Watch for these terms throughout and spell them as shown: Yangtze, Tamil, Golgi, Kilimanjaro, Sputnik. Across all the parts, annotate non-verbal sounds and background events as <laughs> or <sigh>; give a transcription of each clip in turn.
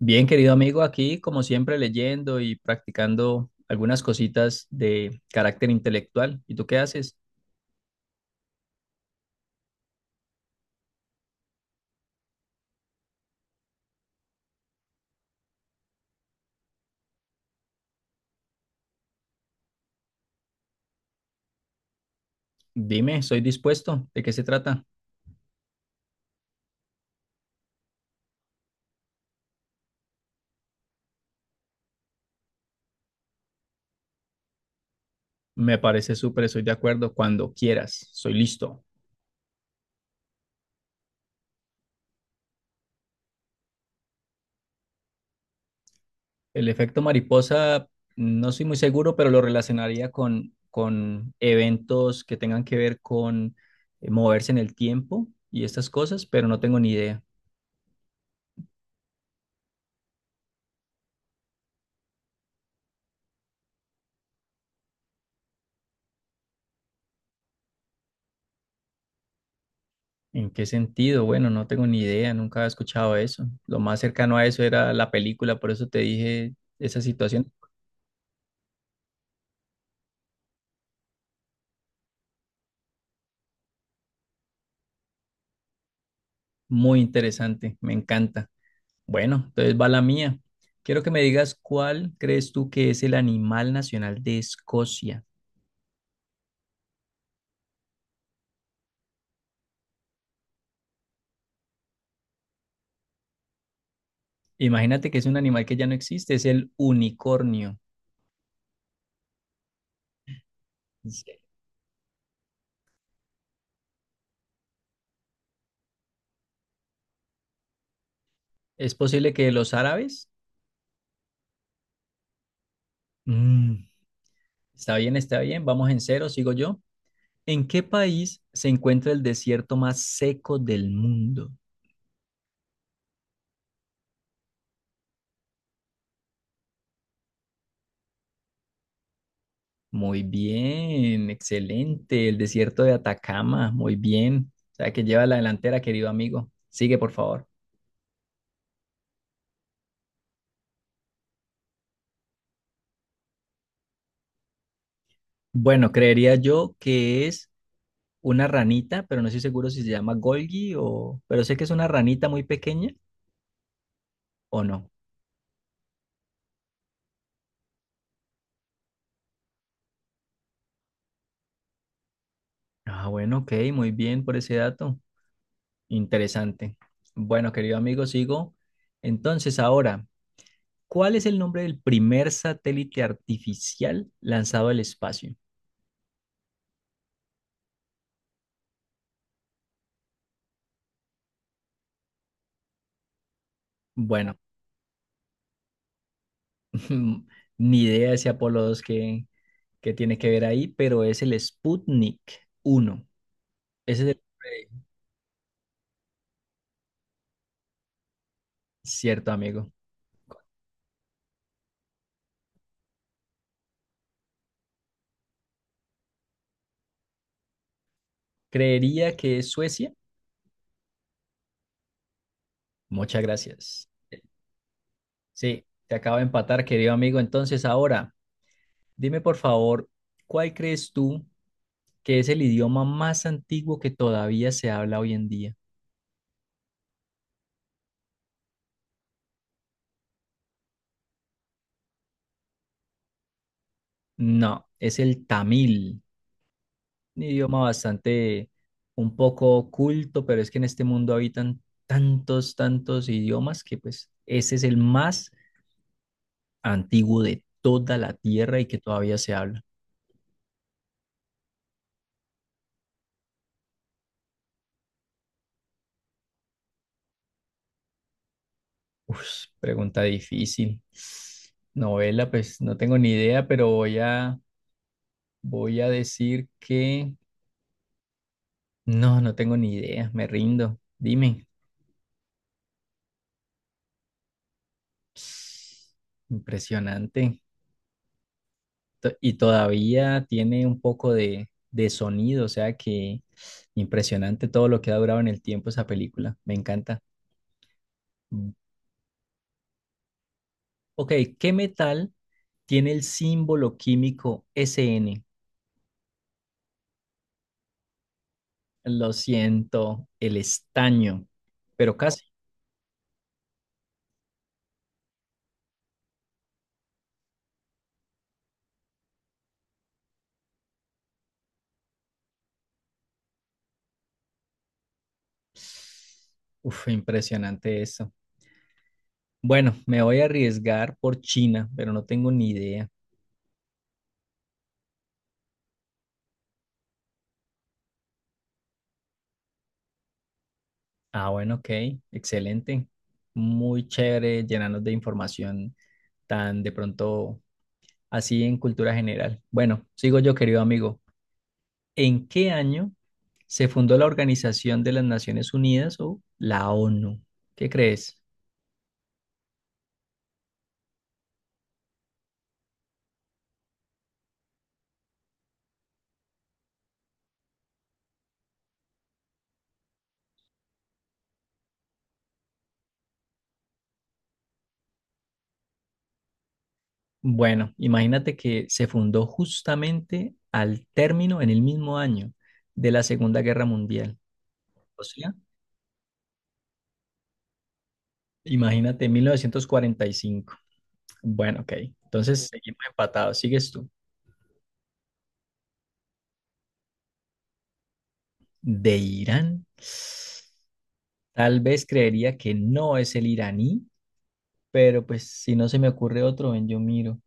Bien, querido amigo, aquí como siempre leyendo y practicando algunas cositas de carácter intelectual. ¿Y tú qué haces? Dime, estoy dispuesto. ¿De qué se trata? Me parece súper, estoy de acuerdo. Cuando quieras, soy listo. El efecto mariposa, no soy muy seguro, pero lo relacionaría con eventos que tengan que ver con moverse en el tiempo y estas cosas, pero no tengo ni idea. ¿En qué sentido? Bueno, no tengo ni idea, nunca había escuchado eso. Lo más cercano a eso era la película, por eso te dije esa situación. Muy interesante, me encanta. Bueno, entonces va la mía. Quiero que me digas cuál crees tú que es el animal nacional de Escocia. Imagínate que es un animal que ya no existe, es el unicornio. Sí. ¿Es posible que los árabes? Mm. Está bien, vamos en cero, sigo yo. ¿En qué país se encuentra el desierto más seco del mundo? Muy bien, excelente. El desierto de Atacama, muy bien. O sea que lleva la delantera, querido amigo. Sigue, por favor. Bueno, creería yo que es una ranita, pero no estoy seguro si se llama Golgi o pero sé que es una ranita muy pequeña o no. Ah, bueno, ok, muy bien por ese dato. Interesante. Bueno, querido amigo, sigo. Entonces, ahora, ¿cuál es el nombre del primer satélite artificial lanzado al espacio? Bueno, <laughs> ni idea ese Apolo 2 que tiene que ver ahí, pero es el Sputnik 1. Ese es el cierto, amigo. Creería que es Suecia. Muchas gracias. Sí, te acabo de empatar, querido amigo. Entonces, ahora, dime por favor, ¿cuál crees tú que es el idioma más antiguo que todavía se habla hoy en día? No, es el tamil. Un idioma bastante, un poco oculto, pero es que en este mundo habitan tantos idiomas que pues ese es el más antiguo de toda la Tierra y que todavía se habla. Uf, pregunta difícil. Novela, pues no tengo ni idea, pero voy a decir que no, no tengo ni idea, me rindo. Dime. Impresionante. Y todavía tiene un poco de sonido, o sea que impresionante todo lo que ha durado en el tiempo esa película, me encanta. Mm. Ok, ¿qué metal tiene el símbolo químico SN? Lo siento, el estaño, pero casi. Uf, impresionante eso. Bueno, me voy a arriesgar por China, pero no tengo ni idea. Ah, bueno, ok, excelente. Muy chévere llenarnos de información tan de pronto así en cultura general. Bueno, sigo yo, querido amigo. ¿En qué año se fundó la Organización de las Naciones Unidas o la ONU? ¿Qué crees? Bueno, imagínate que se fundó justamente al término, en el mismo año de la Segunda Guerra Mundial. O sea, imagínate 1945. Bueno, ok. Entonces seguimos empatados. Sigues tú. ¿De Irán? Tal vez creería que no es el iraní. Pero pues si no se me ocurre otro, ven, yo miro.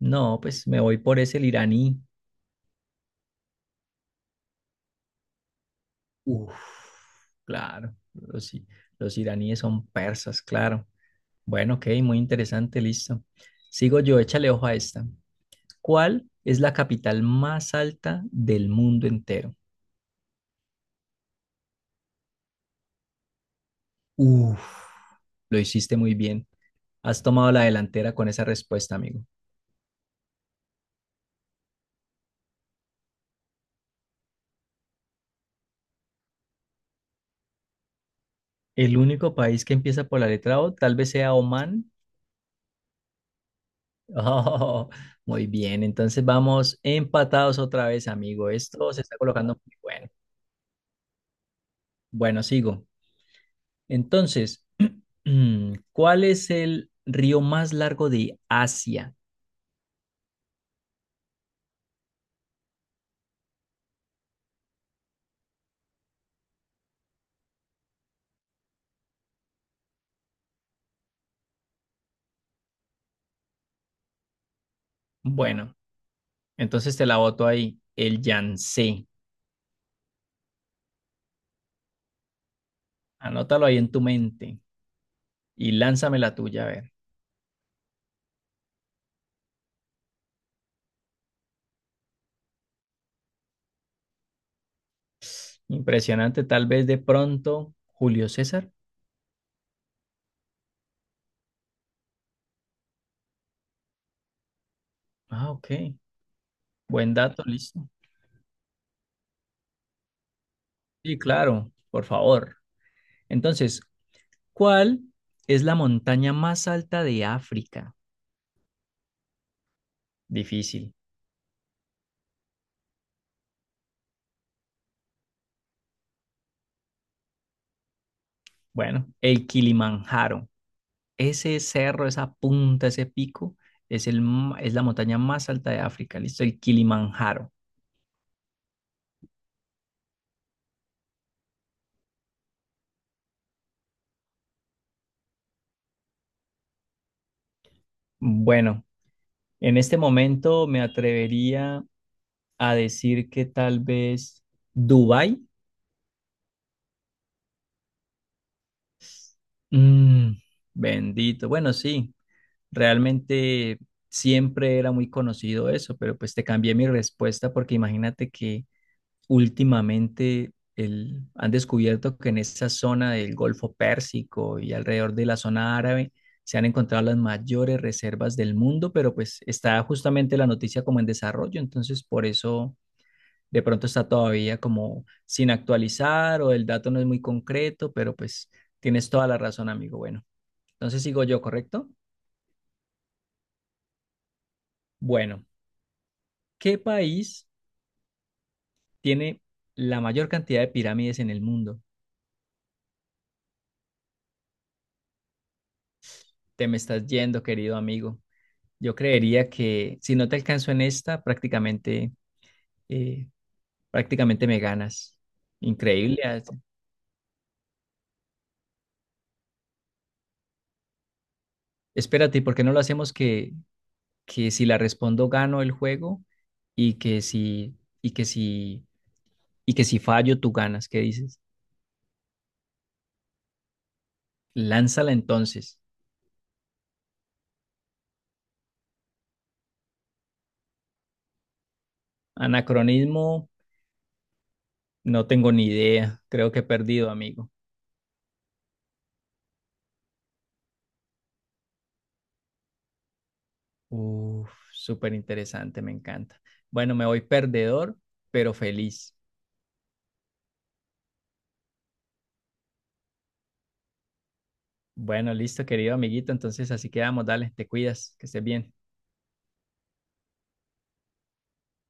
No, pues me voy por ese el iraní. Uf, claro, los iraníes son persas, claro. Bueno, ok, muy interesante, listo. Sigo yo, échale ojo a esta. ¿Cuál es la capital más alta del mundo entero? Uf, lo hiciste muy bien. Has tomado la delantera con esa respuesta, amigo. El único país que empieza por la letra O tal vez sea Omán. <laughs> Oh, muy bien, entonces vamos empatados otra vez, amigo. Esto se está colocando muy bueno. Bueno, sigo. Entonces, <clears throat> ¿cuál es el río más largo de Asia? Bueno, entonces te la boto ahí, el Yangtze. Anótalo ahí en tu mente y lánzame la tuya, a ver. Impresionante, tal vez de pronto, Julio César. Ah, ok. Buen dato, listo. Sí, claro, por favor. Entonces, ¿cuál es la montaña más alta de África? Difícil. Bueno, el Kilimanjaro. Ese cerro, esa punta, ese pico, es la montaña más alta de África. Listo, el Kilimanjaro. Bueno, en este momento me atrevería a decir que tal vez Dubái. Mm, bendito. Bueno, sí, realmente siempre era muy conocido eso, pero pues te cambié mi respuesta porque imagínate que han descubierto que en esa zona del Golfo Pérsico y alrededor de la zona árabe se han encontrado las mayores reservas del mundo, pero pues está justamente la noticia como en desarrollo, entonces por eso de pronto está todavía como sin actualizar o el dato no es muy concreto, pero pues tienes toda la razón, amigo. Bueno, entonces sigo yo, ¿correcto? Bueno, ¿qué país tiene la mayor cantidad de pirámides en el mundo? Te me estás yendo, querido amigo. Yo creería que si no te alcanzo en esta, prácticamente, eh, prácticamente me ganas. Increíble. Ah, espérate, ¿por qué no lo hacemos que si la respondo gano el juego y que si, y que si, y que si fallo tú ganas? ¿Qué dices? Lánzala entonces. Anacronismo, no tengo ni idea. Creo que he perdido, amigo. Uf, súper interesante, me encanta. Bueno, me voy perdedor, pero feliz. Bueno, listo, querido amiguito. Entonces así quedamos. Dale, te cuidas, que estés bien.